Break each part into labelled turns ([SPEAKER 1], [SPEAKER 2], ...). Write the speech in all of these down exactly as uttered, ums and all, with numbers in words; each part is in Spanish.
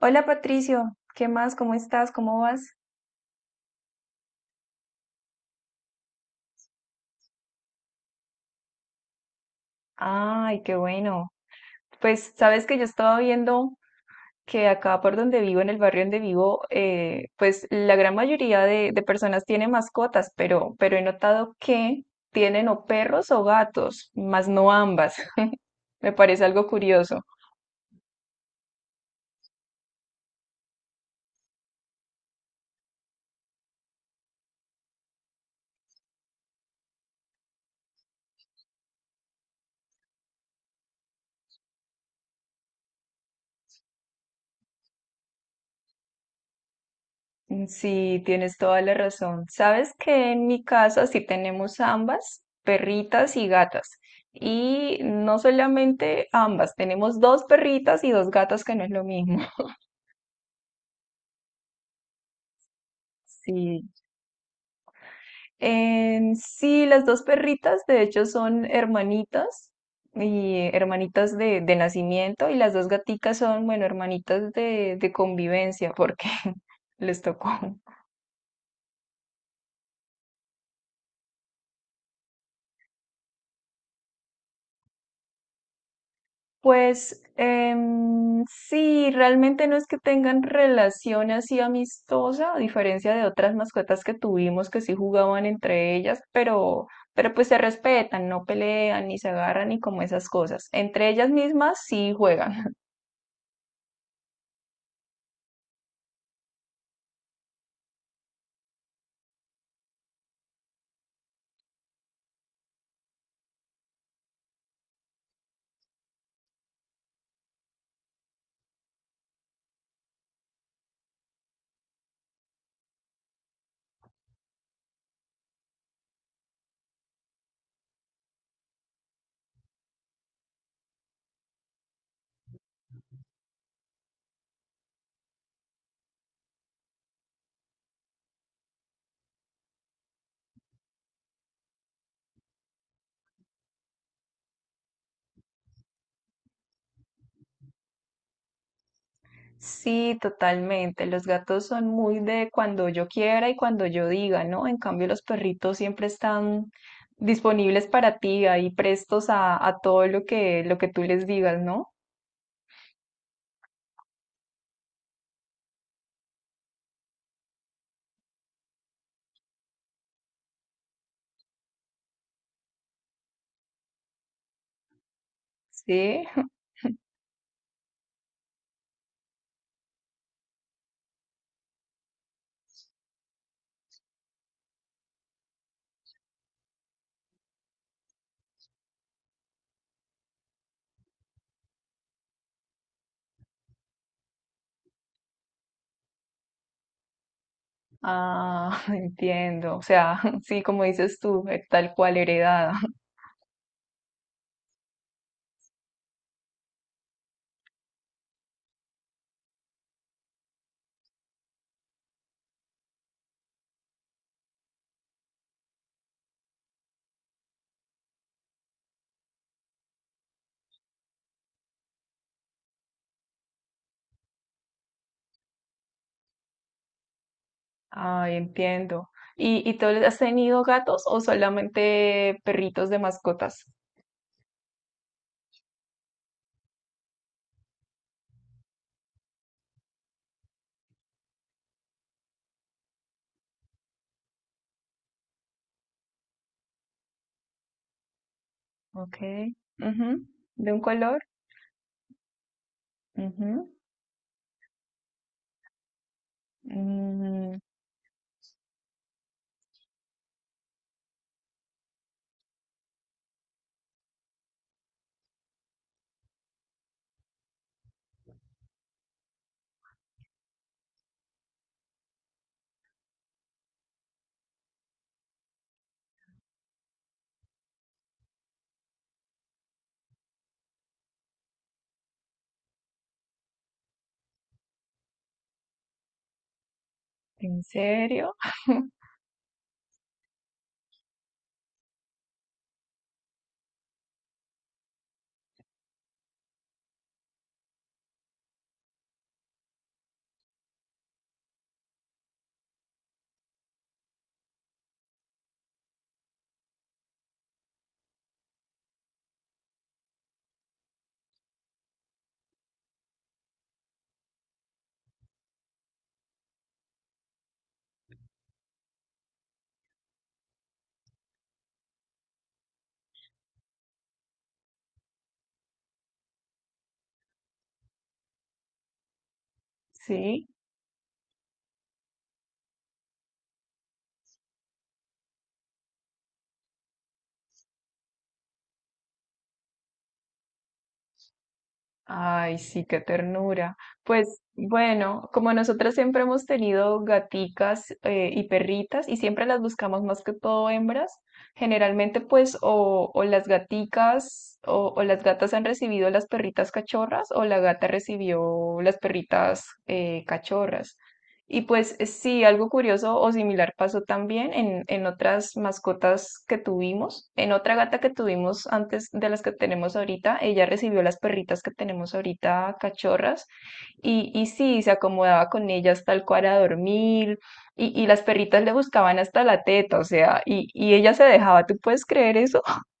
[SPEAKER 1] Hola Patricio, ¿qué más? ¿Cómo estás? ¿Cómo vas? Ay, qué bueno. Pues sabes que yo estaba viendo que acá por donde vivo, en el barrio donde vivo, eh, pues la gran mayoría de, de personas tiene mascotas, pero, pero he notado que tienen o perros o gatos, más no ambas. Me parece algo curioso. Sí, tienes toda la razón. Sabes que en mi casa sí tenemos ambas, perritas y gatas. Y no solamente ambas, tenemos dos perritas y dos gatas, que no es lo mismo. Sí. En sí, las dos perritas de hecho son hermanitas y eh, hermanitas de, de nacimiento, y las dos gaticas son, bueno, hermanitas de, de convivencia porque les tocó. Pues em, sí, realmente no es que tengan relación así amistosa, a diferencia de otras mascotas que tuvimos que sí jugaban entre ellas, pero, pero pues se respetan, no pelean, ni se agarran, ni como esas cosas. Entre ellas mismas sí juegan. Sí, totalmente. Los gatos son muy de cuando yo quiera y cuando yo diga, ¿no? En cambio, los perritos siempre están disponibles para ti, ahí prestos a, a todo lo que, lo que tú les digas, ¿no? Sí. Ah, entiendo. O sea, sí, como dices tú, eh, tal cual heredada. Ay, entiendo. ¿Y, y tú has tenido gatos o solamente perritos de mascotas? Ok. Ujú. ¿De un color? Ujú. Mm, ¿en serio? Sí. Ay, sí, qué ternura. Pues bueno, como nosotras siempre hemos tenido gaticas eh, y perritas y siempre las buscamos más que todo hembras, generalmente pues o, o las gaticas o, o las gatas han recibido las perritas cachorras, o la gata recibió las perritas eh, cachorras. Y pues eh, sí, algo curioso o similar pasó también en, en otras mascotas que tuvimos. En otra gata que tuvimos antes de las que tenemos ahorita, ella recibió las perritas que tenemos ahorita, cachorras, y, y sí, se acomodaba con ellas tal cual a dormir, y, y las perritas le buscaban hasta la teta, o sea, y, y ella se dejaba, ¿tú puedes creer eso?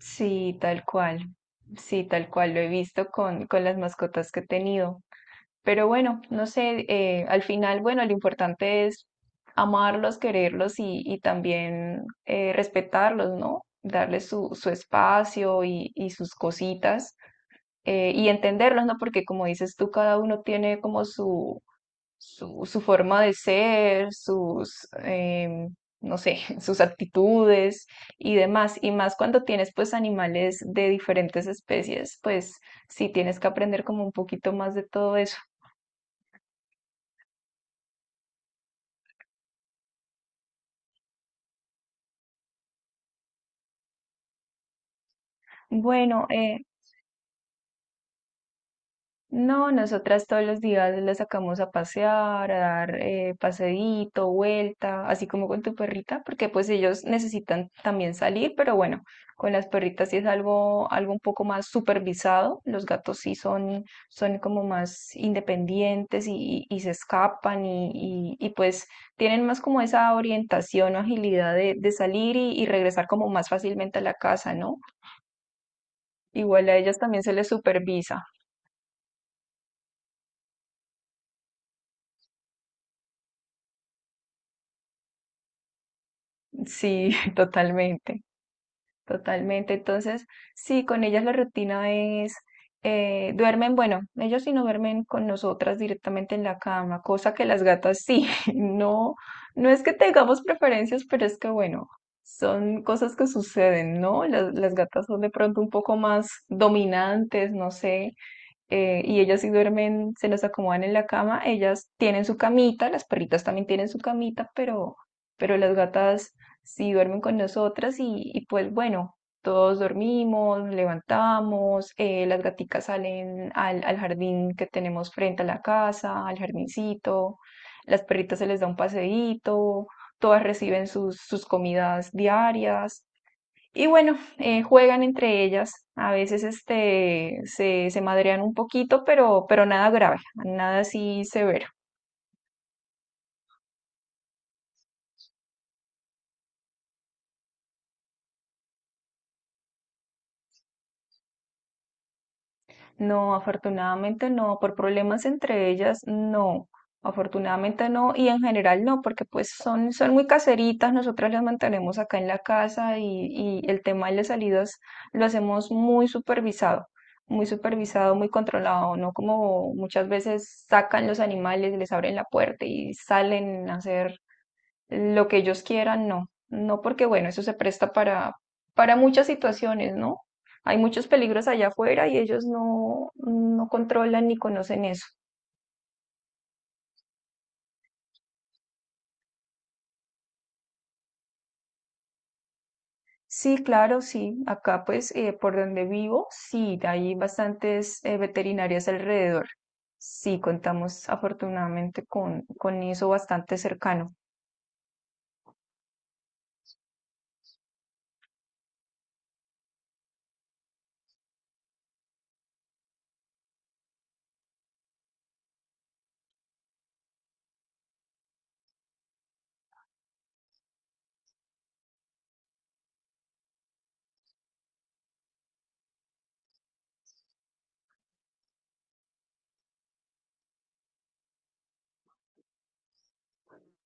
[SPEAKER 1] Sí, tal cual. Sí, tal cual lo he visto con, con las mascotas que he tenido. Pero bueno, no sé, eh, al final, bueno, lo importante es amarlos, quererlos y, y también eh, respetarlos, ¿no? Darles su, su espacio y, y sus cositas eh, y entenderlos, ¿no? Porque como dices tú, cada uno tiene como su, su, su forma de ser, sus, em, no sé, sus actitudes y demás. Y más cuando tienes pues animales de diferentes especies, pues sí tienes que aprender como un poquito más de todo eso. Bueno, eh, no, nosotras todos los días la sacamos a pasear, a dar eh, paseíto, vuelta, así como con tu perrita, porque pues ellos necesitan también salir, pero bueno, con las perritas sí es algo, algo un poco más supervisado. Los gatos sí son, son como más independientes y, y- y se escapan y, y- y, pues tienen más como esa orientación o agilidad de, de salir y, y regresar como más fácilmente a la casa, ¿no? Igual a ellas también se les supervisa. Sí, totalmente, totalmente. Entonces, sí, con ellas la rutina es, eh, duermen, bueno, ellos sí no duermen con nosotras directamente en la cama, cosa que las gatas sí, no, no es que tengamos preferencias, pero es que bueno, son cosas que suceden, ¿no? Las, las gatas son de pronto un poco más dominantes, no sé, eh, y ellas sí duermen, se las acomodan en la cama, ellas tienen su camita, las perritas también tienen su camita, pero, pero las gatas sí duermen con nosotras y, y pues bueno, todos dormimos, nos levantamos, eh, las gaticas salen al, al jardín que tenemos frente a la casa, al jardincito, las perritas se les da un paseíto, todas reciben sus, sus comidas diarias. Y bueno, eh, juegan entre ellas. A veces este, se, se madrean un poquito, pero, pero nada grave, nada así severo. No, afortunadamente no. Por problemas entre ellas, no. Afortunadamente no. Y en general no, porque pues son, son muy caseritas. Nosotras las mantenemos acá en la casa y, y el tema de las salidas lo hacemos muy supervisado. Muy supervisado, muy controlado, no como muchas veces sacan los animales, les abren la puerta y salen a hacer lo que ellos quieran, no. No porque, bueno, eso se presta para, para muchas situaciones, ¿no? Hay muchos peligros allá afuera y ellos no, no controlan ni conocen eso. Sí, claro, sí. Acá, pues, eh, por donde vivo, sí, hay bastantes eh, veterinarias alrededor. Sí, contamos afortunadamente con, con eso bastante cercano.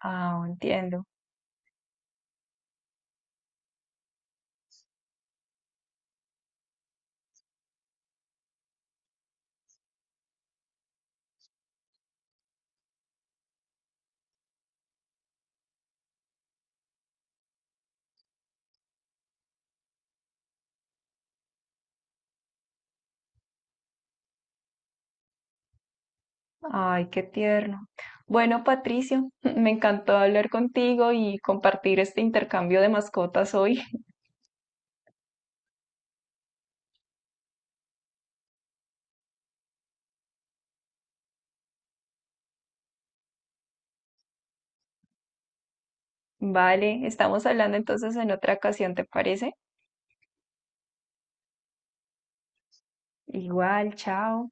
[SPEAKER 1] Ah, entiendo. Ay, qué tierno. Bueno, Patricio, me encantó hablar contigo y compartir este intercambio de mascotas hoy. Vale, estamos hablando entonces en otra ocasión, ¿te parece? Igual, chao.